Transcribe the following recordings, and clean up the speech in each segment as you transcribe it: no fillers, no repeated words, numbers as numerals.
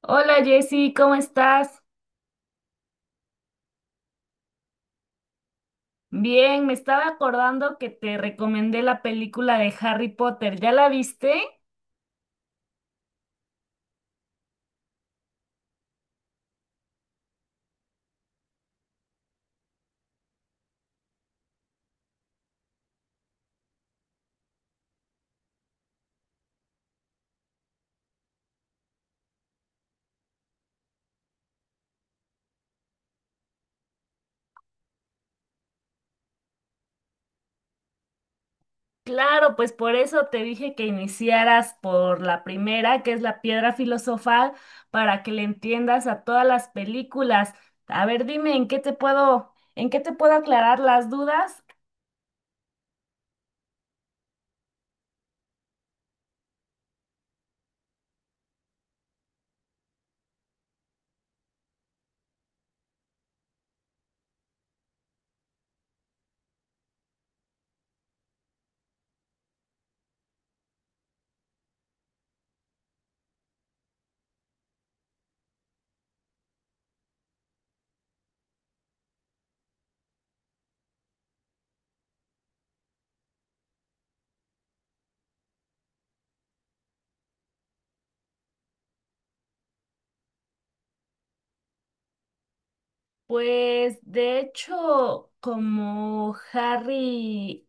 Hola Jessy, ¿cómo estás? Bien, me estaba acordando que te recomendé la película de Harry Potter. ¿Ya la viste? Claro, pues por eso te dije que iniciaras por la primera, que es la piedra filosofal, para que le entiendas a todas las películas. A ver, dime, ¿en qué te puedo aclarar las dudas? Pues de hecho, como Harry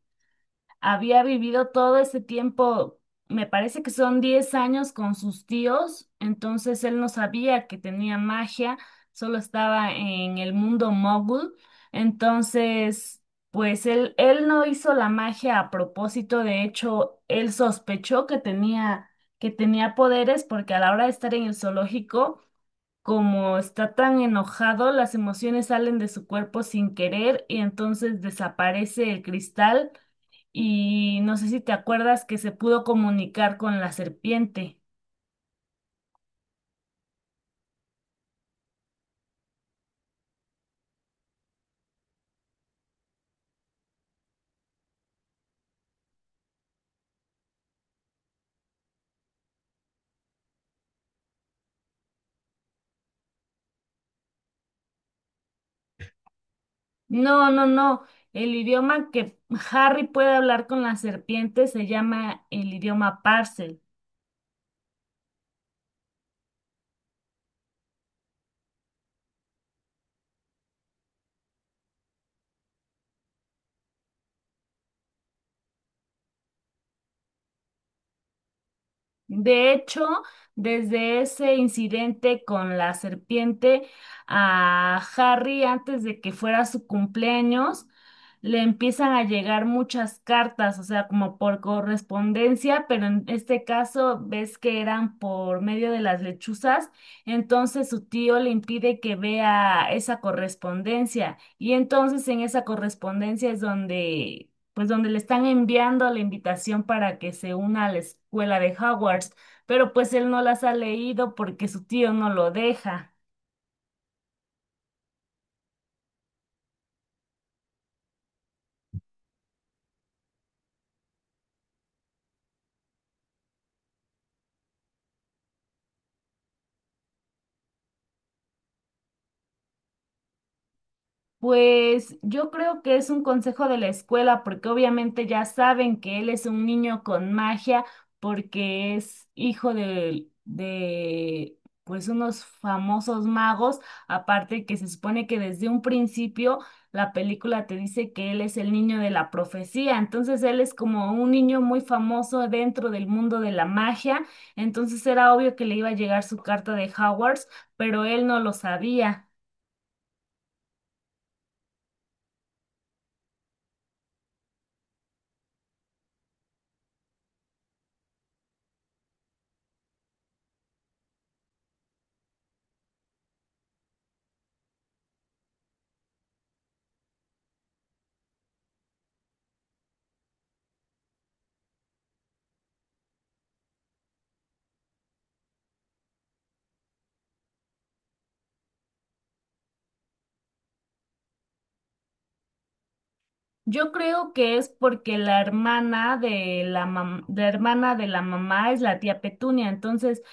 había vivido todo ese tiempo, me parece que son 10 años con sus tíos, entonces él no sabía que tenía magia, solo estaba en el mundo mogul. Entonces pues él no hizo la magia a propósito. De hecho él sospechó que tenía poderes porque a la hora de estar en el zoológico, como está tan enojado, las emociones salen de su cuerpo sin querer y entonces desaparece el cristal. Y no sé si te acuerdas que se pudo comunicar con la serpiente. No, no, no. El idioma que Harry puede hablar con la serpiente se llama el idioma Parcel. De hecho, desde ese incidente con la serpiente, a Harry, antes de que fuera su cumpleaños, le empiezan a llegar muchas cartas, o sea, como por correspondencia, pero en este caso ves que eran por medio de las lechuzas. Entonces su tío le impide que vea esa correspondencia, y entonces en esa correspondencia es donde, pues, donde le están enviando la invitación para que se una a la escuela de Hogwarts, pero pues él no las ha leído porque su tío no lo deja. Pues yo creo que es un consejo de la escuela, porque obviamente ya saben que él es un niño con magia, porque es hijo de, pues, unos famosos magos. Aparte, que se supone que desde un principio la película te dice que él es el niño de la profecía, entonces él es como un niño muy famoso dentro del mundo de la magia. Entonces era obvio que le iba a llegar su carta de Hogwarts, pero él no lo sabía. Yo creo que es porque la hermana de la hermana de la mamá es la tía Petunia. Entonces,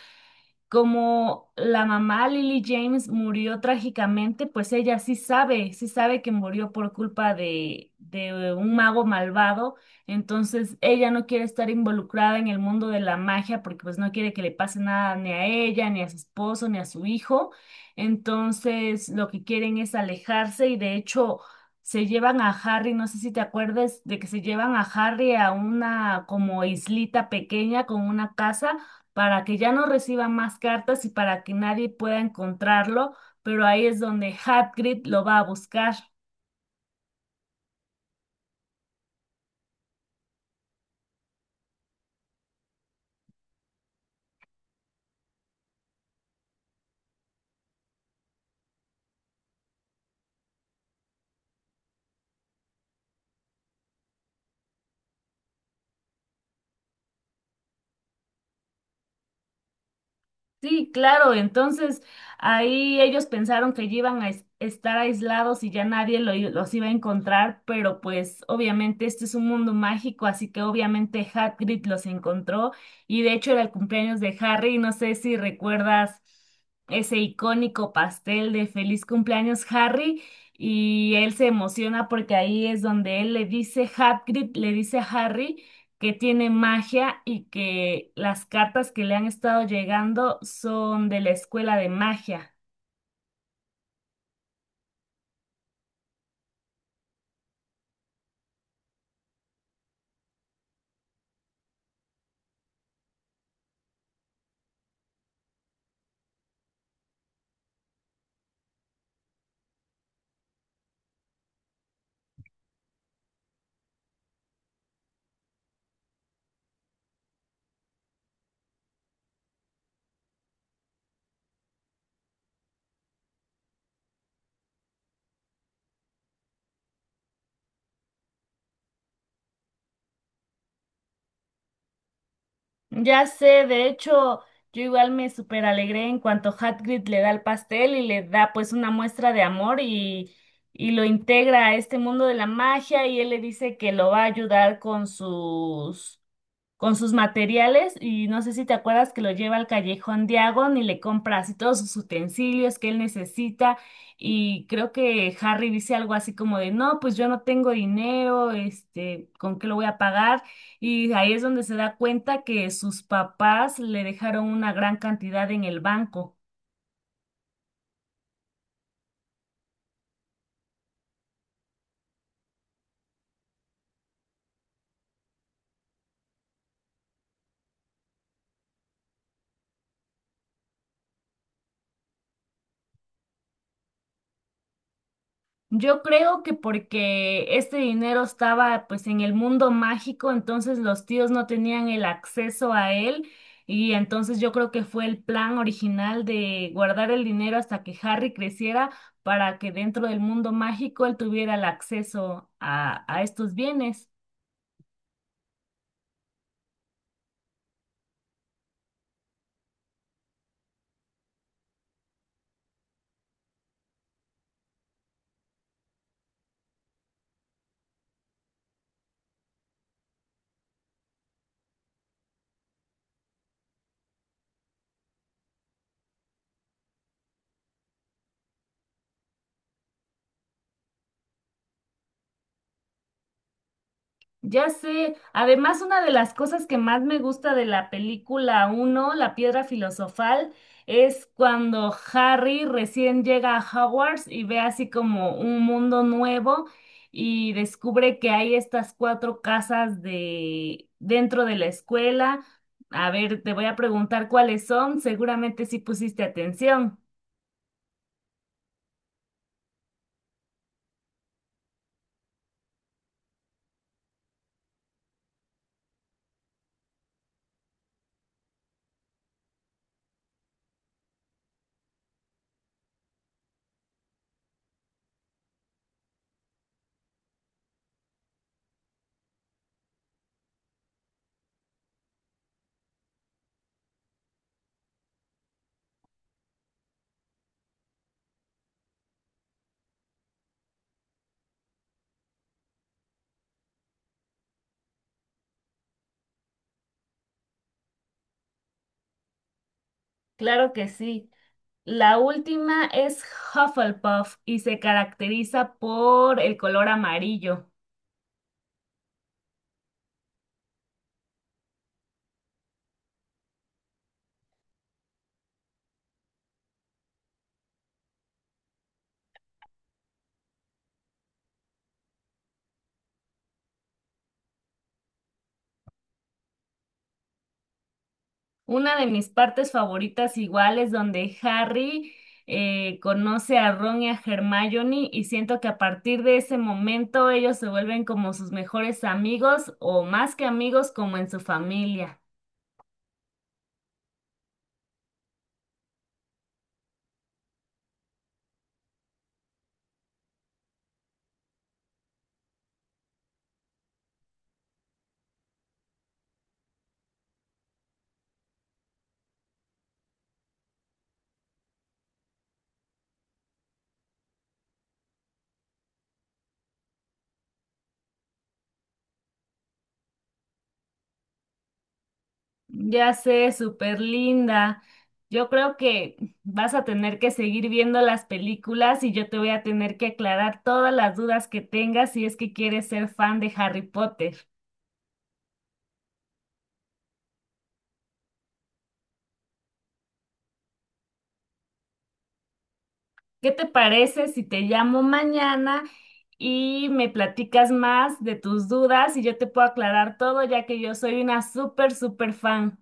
como la mamá Lily James murió trágicamente, pues ella sí sabe que murió por culpa de un mago malvado. Entonces ella no quiere estar involucrada en el mundo de la magia, porque pues no quiere que le pase nada ni a ella, ni a su esposo, ni a su hijo. Entonces lo que quieren es alejarse, y de hecho se llevan a Harry. No sé si te acuerdas de que se llevan a Harry a una como islita pequeña con una casa, para que ya no reciba más cartas y para que nadie pueda encontrarlo, pero ahí es donde Hagrid lo va a buscar. Sí, claro, entonces ahí ellos pensaron que ya iban a estar aislados y ya nadie los iba a encontrar, pero pues obviamente este es un mundo mágico, así que obviamente Hagrid los encontró. Y de hecho era el cumpleaños de Harry, no sé si recuerdas ese icónico pastel de feliz cumpleaños Harry, y él se emociona porque ahí es donde él le dice, Hagrid le dice a Harry que tiene magia y que las cartas que le han estado llegando son de la escuela de magia. Ya sé, de hecho, yo igual me súper alegré en cuanto Hagrid le da el pastel y le da pues una muestra de amor, y lo integra a este mundo de la magia, y él le dice que lo va a ayudar con sus materiales. Y no sé si te acuerdas que lo lleva al Callejón de Agón y le compra así todos sus utensilios que él necesita. Y creo que Harry dice algo así como de no, pues yo no tengo dinero, este, ¿con qué lo voy a pagar? Y ahí es donde se da cuenta que sus papás le dejaron una gran cantidad en el banco. Yo creo que porque este dinero estaba pues en el mundo mágico, entonces los tíos no tenían el acceso a él. Y entonces yo creo que fue el plan original de guardar el dinero hasta que Harry creciera, para que dentro del mundo mágico él tuviera el acceso a estos bienes. Ya sé, además una de las cosas que más me gusta de la película uno, La Piedra Filosofal, es cuando Harry recién llega a Hogwarts y ve así como un mundo nuevo, y descubre que hay estas cuatro casas de dentro de la escuela. A ver, te voy a preguntar cuáles son, seguramente sí pusiste atención. Claro que sí. La última es Hufflepuff, y se caracteriza por el color amarillo. Una de mis partes favoritas igual es donde Harry conoce a Ron y a Hermione, y siento que a partir de ese momento ellos se vuelven como sus mejores amigos, o más que amigos, como en su familia. Ya sé, súper linda. Yo creo que vas a tener que seguir viendo las películas y yo te voy a tener que aclarar todas las dudas que tengas, si es que quieres ser fan de Harry Potter. ¿Qué te parece si te llamo mañana y me platicas más de tus dudas y yo te puedo aclarar todo, ya que yo soy una súper, súper fan?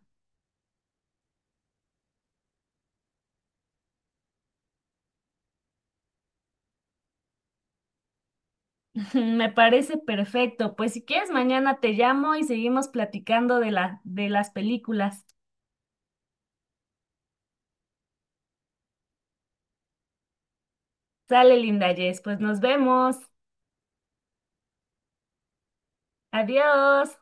Me parece perfecto. Pues si quieres, mañana te llamo y seguimos platicando de las películas. Sale, linda Jess. Pues nos vemos. Adiós.